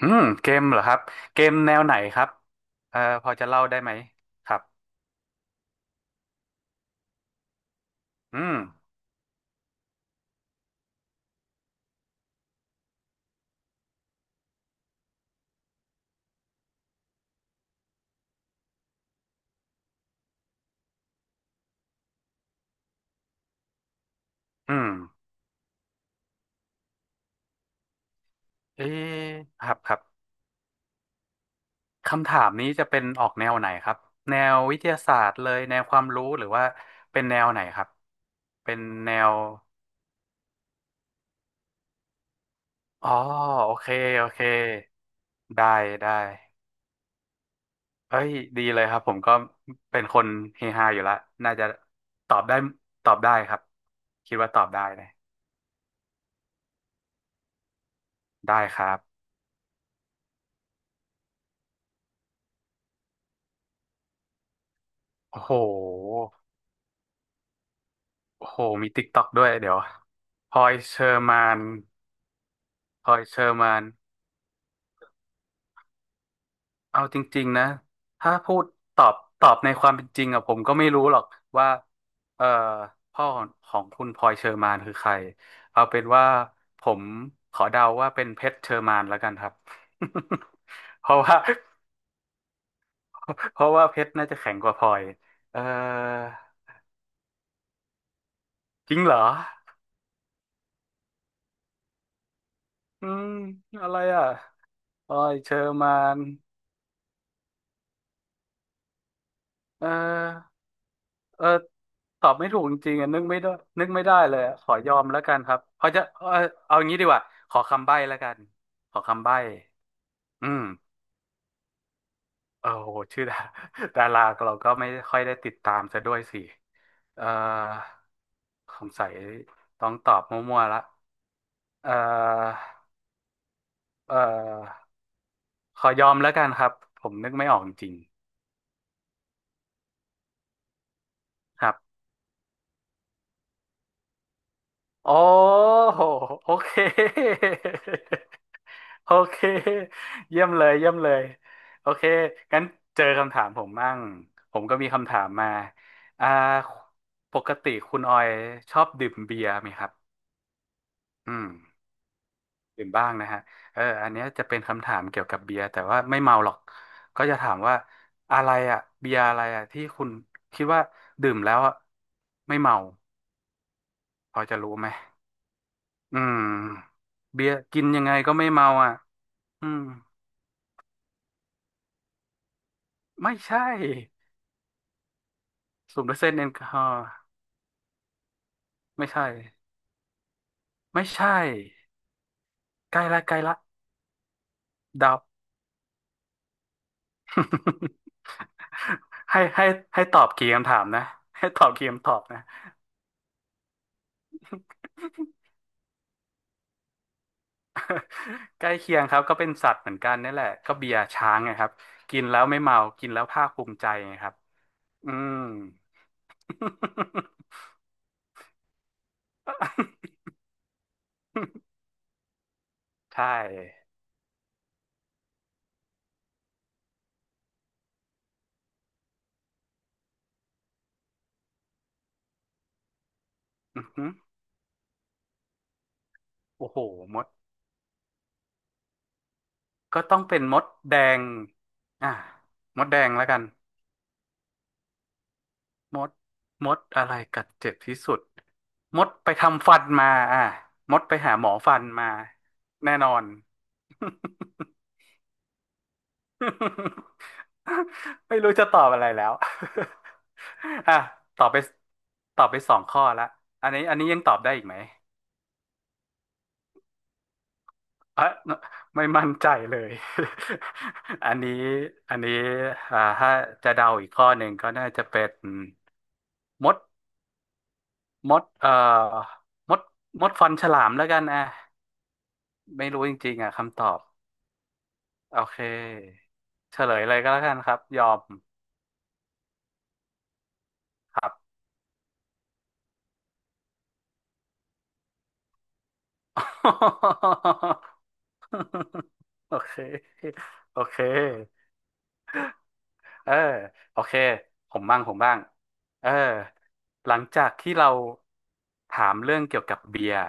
อืมเกมเหรอครับเกมแนวไหนครับพอจะเล่าได้ไหมครับอืมอืมเอ๊ะครับครับคำถามนี้จะเป็นออกแนวไหนครับแนววิทยาศาสตร์เลยแนวความรู้หรือว่าเป็นแนวไหนครับเป็นแนวอ๋อโอเคโอเคได้ได้เอ้ยดีเลยครับผมก็เป็นคนเฮฮาอยู่ละน่าจะตอบได้ตอบได้ครับคิดว่าตอบได้นะได้ครับโอ้โห โอ้โหมีติ๊กต็อกด้วยเดี๋ยวพลอยเชอร์มานพลอยเชอร์มานเอาจริงๆนะถ้าพูดตอบตอบในความเป็นจริงอะผมก็ไม่รู้หรอกว่าเอ่อพ่อของคุณพลอยเชอร์มานคือใครเอาเป็นว่าผมขอเดาว่าเป็นเพชรเชอร์มานแล้วกันครับ เพราะว่า เพราะว่าเพชรน่าจะแข็งกว่าพลอยเอ่อจริงเหรออืมอะไรอ่ะพลอยเชอร์มานเออ เออตอบไม่ถูกจริงๆอ่ะนึกไม่ได้นึกไม่ได้เลยอะขอยอมแล้วกันครับเขาจะเออเอาอย่างนี้ดีกว่าขอคำใบ้แล้วกันขอคำใบ้อืมโอ้โหชื่อดาดาราเราก็ไม่ค่อยได้ติดตามซะด้วยสิเออสงสัยต้องตอบมั่วๆละเออเออขอยอมแล้วกันครับผมนึกไม่ออกจริงๆครับโอ้โหโอเค โอเค เยี่ยมเลยเยี่ยมเลยโอเคงั้นเจอคำถามผมมั่งผมก็มีคำถามมาอ่าปกติคุณออยชอบดื่มเบียร์ไหมครับอืมดื่มบ้างนะฮะเอออันเนี้ยจะเป็นคำถามเกี่ยวกับเบียร์แต่ว่าไม่เมาหรอกก็จะถามว่าอะไรอ่ะเบียร์อะไรอ่ะที่คุณคิดว่าดื่มแล้วอ่ะไม่เมาพอจะรู้ไหมอืมเบียร์กินยังไงก็ไม่เมาอ่ะอืมไม่ใช่ศูนย์เปอร์เซ็นต์แอลกอฮอล์ ไม่ใช่ไม่ใช่ใกล้ละใกล้ละเดา ให้ให้ให้ตอบกี่คำถามนะให้ตอบกี่คำตอบนะ ใกล้เคียงครับก็เป็นสัตว์เหมือนกันนี่แหละก็เบียร์ช้างไงครับกินแล้วไม่เมากินแล้วภาคภูมิใจไงครับอืม ใช่อือหือโอ้โหมดก็ต้องเป็นมดแดงอ่ะมดแดงแล้วกัน มดมดอะไรกัดเจ็บที่สุดมดไปทำฟันมาอ่ะมดไปหาหมอฟันมาแน่นอน ไม่รู้จะตอบอะไรแล้ว อ่ะตอบไปตอบไปสองข้อละอันนี้ อันนี้ยังตอบได้อีกไหมเอะไม่มั่นใจเลย อันนี้ อันนี้อ่าถ้าจะเดาอีกข้อหนึ่งก็น่าจะเป็นมด มดเอ่อมดมดฟันฉลามแล้วกันอ่ะ ไม่รู้จริงๆอ่ะคำตอบโอเคเฉลยเลยก็แล้วกันครับยอมครับ โอเคโอเค เออโอเคผมบ้างผมบ้างเออหลังจากที่เราถามเรื่องเกี่ยวกับเบียร์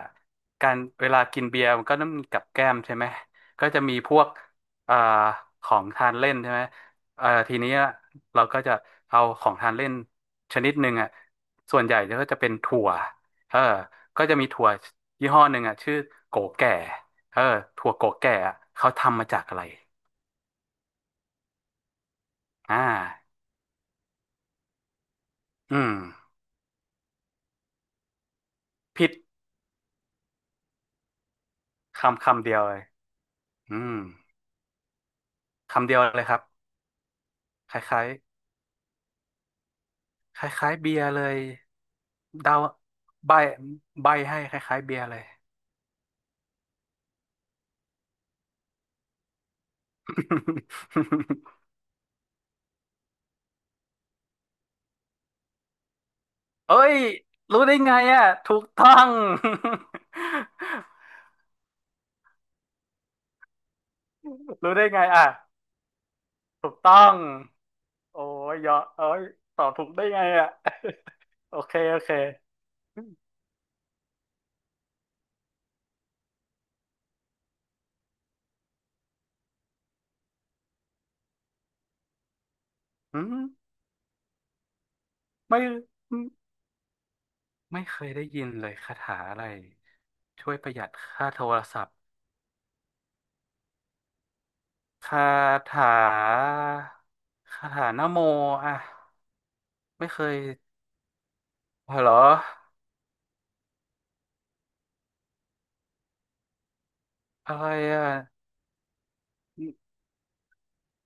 การเวลากินเบียร์มันก็ต้องมีกับแก้มใช่ไหมก็จะมีพวกเอ่อของทานเล่นใช่ไหมทีนี้เราก็จะเอาของทานเล่นชนิดหนึ่งอ่ะส่วนใหญ่ก็จะเป็นถั่วเออก็จะมีถั่วยี่ห้อหนึ่งอ่ะชื่อโกแก่เออถั่วโกแก่อะเขาทำมาจากอะไรอ่าอืมผิด คำคำเดียวเลยอืมคำเดียวเลยครับคล้ายๆคล้ายๆเบียร์เลยเดาใบใบให้คล้ายๆเบียร์เลย เอ้ยรู้ได้ไงอ่ะถูกต้อง รู้ได้ไงอ่ะถูกต้องโอ้ยยอเอ้ยตอบถูกได้ไงอ่ะ โอเคโอเคอืมไม่ไม่เคยได้ยินเลยคาถาอะไรช่วยประหยัดค่าโทรศัพท์ คาถาคาถานะโมอ่ะไม่เคยเหรออะไรอ่ะ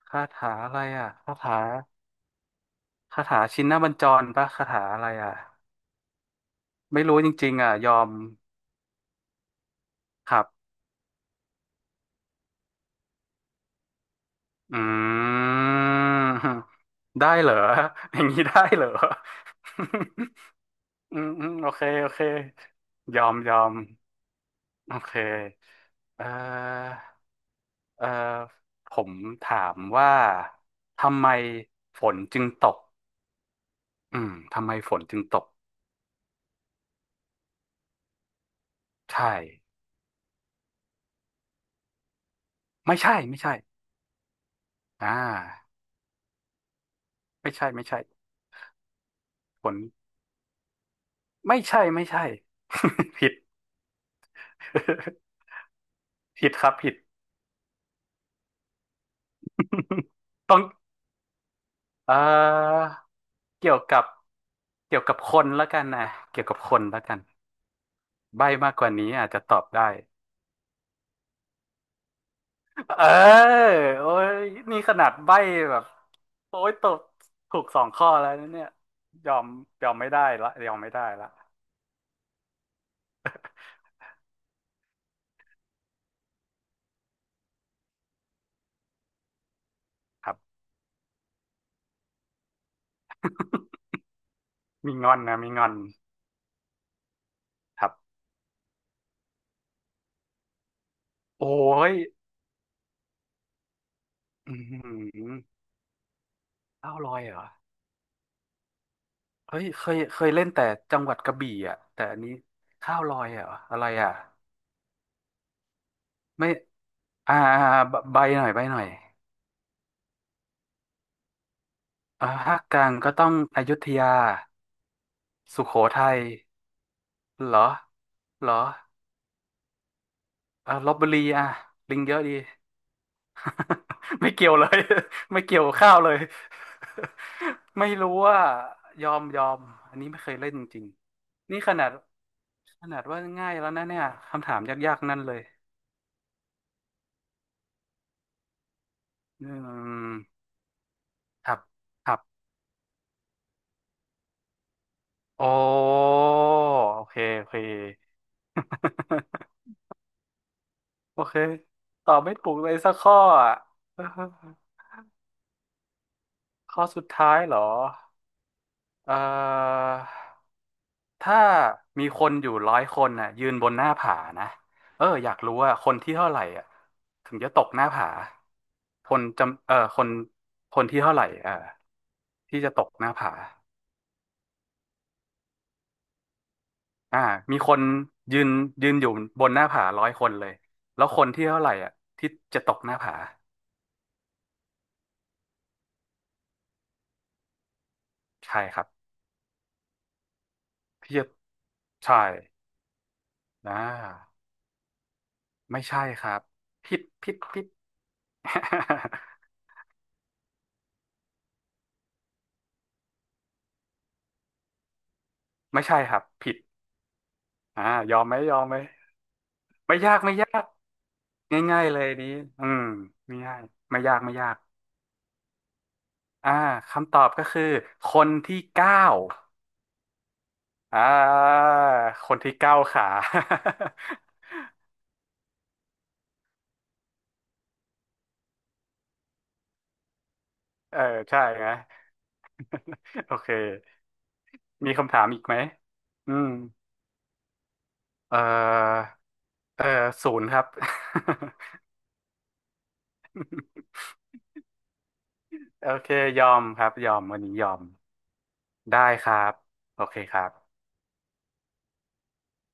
คาถาอะไรอ่ะคาถาคาถาชินบัญจรปะคาถาอะไรอ่ะไม่รู้จริงๆอ่ะยอมครับอืมได้เหรออย่างนี้ได้เหรอ อืมอืมโอเคโอเคยอมยอมโอเคเอ่อ เอ่อผมถามว่าทำไมฝนจึงตกอืมทำไมฝนจึงตกใช่ไม่ใช่ ไม่ใช่อ่าไม่ใช่ไม่ใช่ฝนไม่ใช่ไม่ใช่ ผิด ผิดครับผิด ต้องเอ่อเกี่ยวกับเกี่ยวกับคนแล้วกันนะเกี่ยวกับคนแล้วกันใบ้มากกว่านี้อาจจะตอบได้ เออโอ้ยนี่ขนาดใบ้แบบโอ้ยตกถูกสองข้อแล้วนะเนี่ยยอมยอมไม่ได้ละยอมไม่ได้ละครับ มีงอนนะมีงอนครับโอ้ยอืมข้าวลอยเหรอเฮ้ยเคยเคยเล่นแต่จังหวัดกระบี่อ่ะแต่อันนี้ข้าวลอยเหรออะไรอ่ะไม่อ่าใบใบหน่อยใบหน่อยอ่าภาคกลางก็ต้องอยุธยาสุโขทัยเหรอเหรอ เออลพบุรีอ่ะลิงเยอะดี ไม่เกี่ยวเลย ไม่เกี่ยวกับข้าวเลย ไม่รู้ว่ายอมยอมอันนี้ไม่เคยเล่นจริงๆนี่ขนาดขนาดว่าง่ายแล้วนะเนี่ยคำถามยากๆนั่นเลยอืมครับครับโอ้โอเคโอเค โอเคตอบไม่ถูกเลยสักข้ออ่ะ ข้อสุดท้ายเหรอเอ่อ ถ้ามีคนอยู่100 คนน่ะยืนบนหน้าผานะเอออยากรู้ว่าคนที่เท่าไหร่อ่ะถึงจะตกหน้าผาคนจำเออคนคนที่เท่าไหร่เออที่จะตกหน้าผาอ่ามีคนยืนยืนอยู่บนหน้าผา100 คนเลยแล้วคนที่เท่าไหร่อ่ะที่จะตกหน้าผาใช่ครับพี่จะใช่อ่าไม่ใช่ครับผิดผิดผิด ไม่ใช่ครับผิดอ่ายอมไหมยอมไหมไม่ยากไม่ยาก ง่ายๆเลยนนี้อืมไม่ง่ายไม่ยากไม่ยากอ่าคำตอบก็คือ คนที่เก้าอ่าคนที่เก้าขา เออใช่ไหม โอเค มีคำถามอีกไหม อืมเออเออศูนย์ครับ โอเค ยอมครับ ยอมวันนี้ยอมได้ครับ โอเคครับ